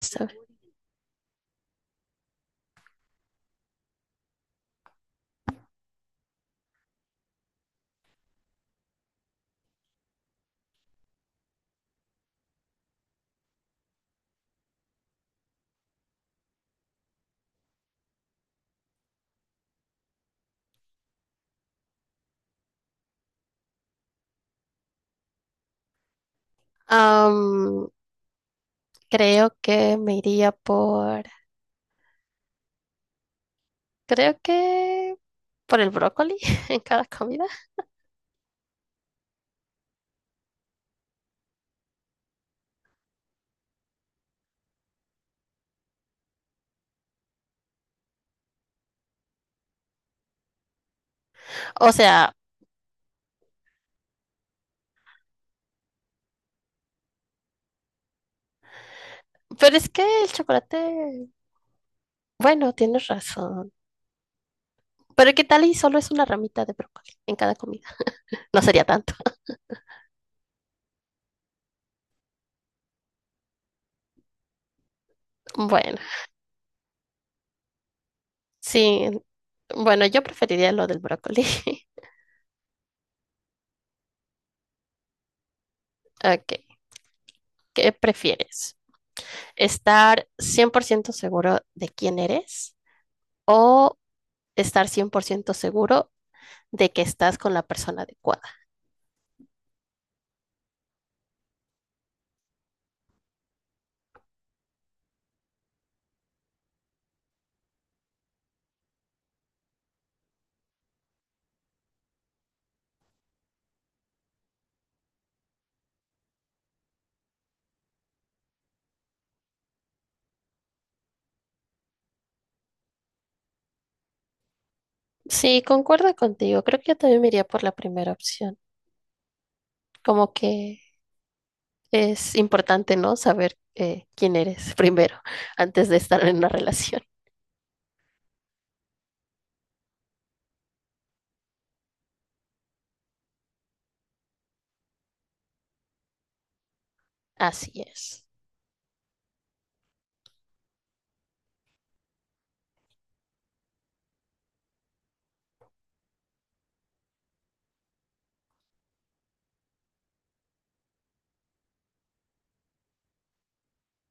Sabe. Am, creo que me iría por, creo que por el brócoli en cada comida. O sea, pero es que el chocolate, bueno, tienes razón. Pero ¿qué tal y solo es una ramita de brócoli en cada comida? No sería tanto. Bueno, sí. Bueno, yo preferiría lo del brócoli. Ok, ¿qué prefieres? ¿Estar 100% seguro de quién eres o estar 100% seguro de que estás con la persona adecuada? Sí, concuerdo contigo. Creo que yo también me iría por la primera opción. Como que es importante, ¿no? Saber quién eres primero, antes de estar en una relación. Así es.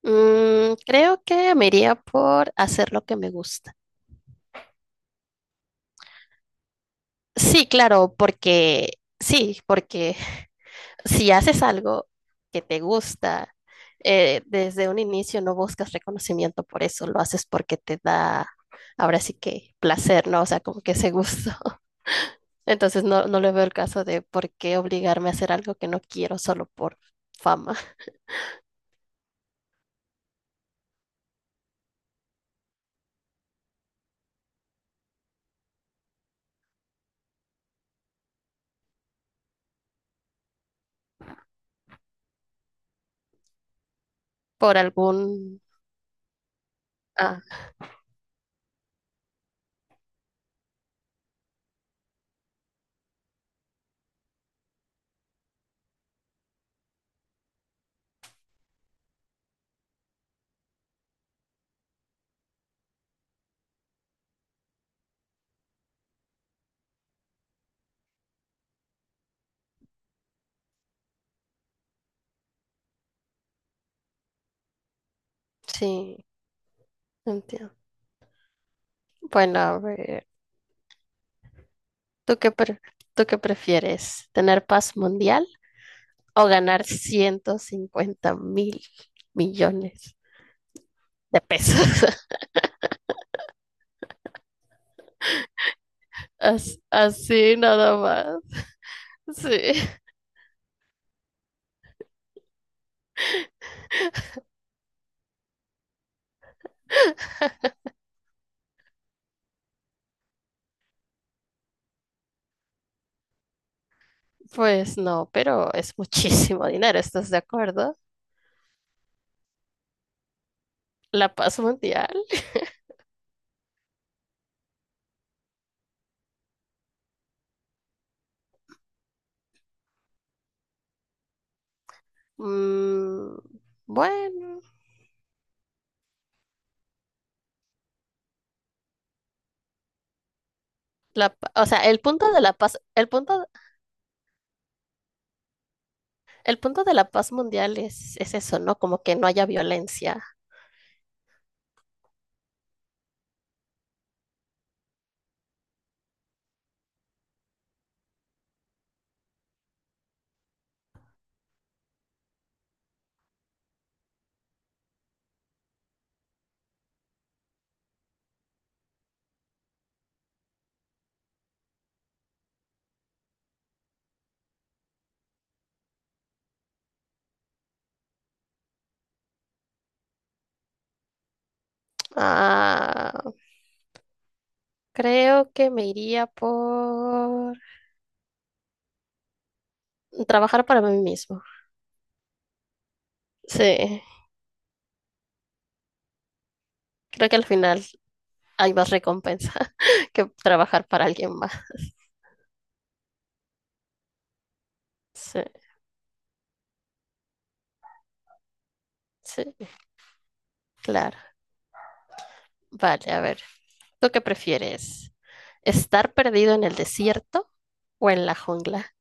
Creo que me iría por hacer lo que me gusta. Sí, claro, porque si haces algo que te gusta, desde un inicio no buscas reconocimiento por eso, lo haces porque te da, ahora sí que placer, ¿no? O sea, como que ese gusto. Entonces no, no le veo el caso de por qué obligarme a hacer algo que no quiero solo por fama. por algún... Ah, sí, entiendo. Bueno, a ver, ¿tú qué, pre- tú qué prefieres? ¿Tener paz mundial o ganar 150,000 millones de pesos? Así nada más. Sí, pues no, pero es muchísimo dinero, ¿estás de acuerdo? La paz mundial. Mm, bueno. O sea, el punto de la paz, el punto de la paz mundial es eso, ¿no? Como que no haya violencia. Ah, creo que me iría por trabajar para mí mismo. Sí, creo que al final hay más recompensa que trabajar para alguien más. Sí, sí, claro. Vale, a ver, ¿tú qué prefieres? ¿Estar perdido en el desierto o en la jungla?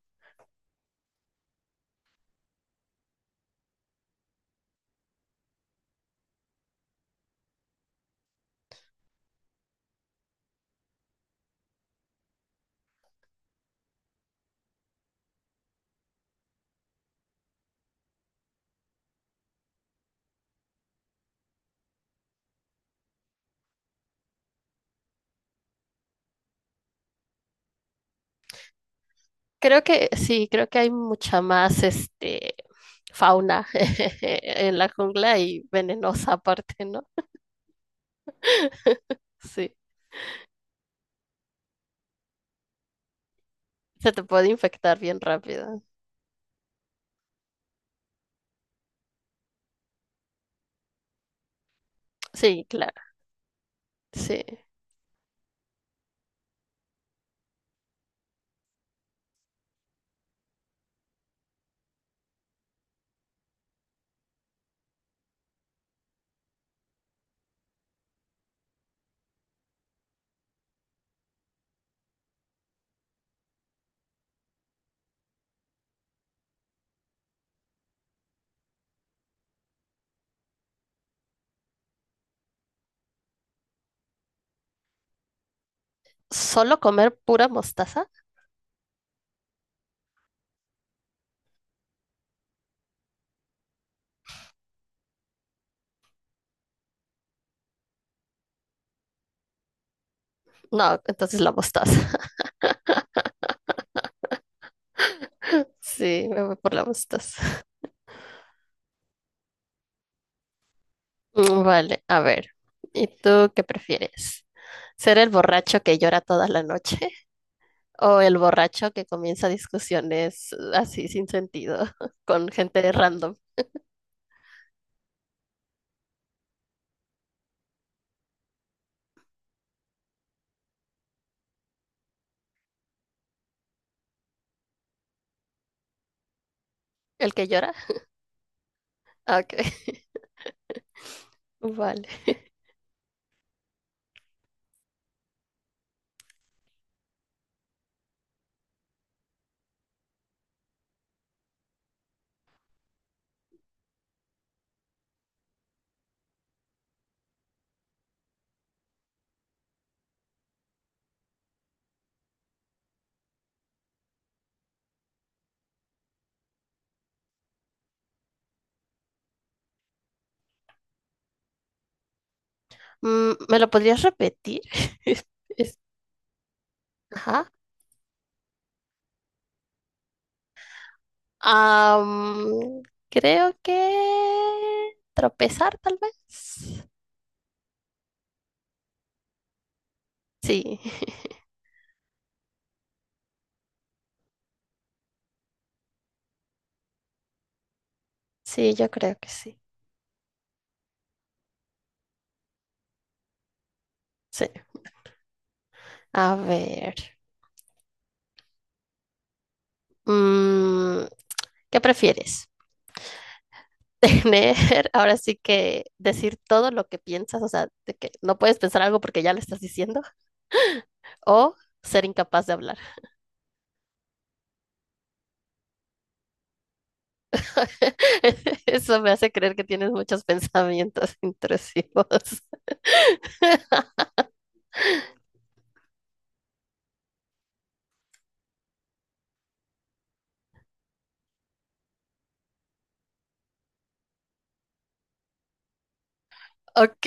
Creo que sí, creo que hay mucha más fauna en la jungla y venenosa aparte, ¿no? Sí, se te puede infectar bien rápido. Sí, claro, sí. ¿Solo comer pura mostaza? No, entonces la mostaza. Sí, me voy por la mostaza. Vale, a ver, ¿y tú qué prefieres? ¿Ser el borracho que llora toda la noche o el borracho que comienza discusiones así sin sentido con gente random? ¿El que llora? Ah, ok. Vale. ¿Me lo podrías repetir? Es- es- Ajá. Am, creo que tropezar, tal vez. Sí, sí, yo creo que sí. Sí. A ver. mm, ¿Qué prefieres? Tener, ahora sí que decir todo lo que piensas, o sea, de que no puedes pensar algo porque ya lo estás diciendo, o ser incapaz de hablar. Eso me hace creer que tienes muchos pensamientos intrusivos. Ok.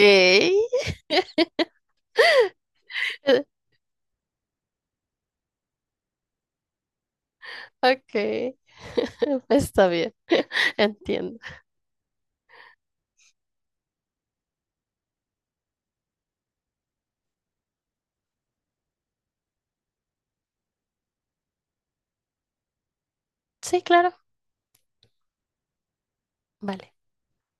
Ok, está bien, entiendo. Sí, claro, vale.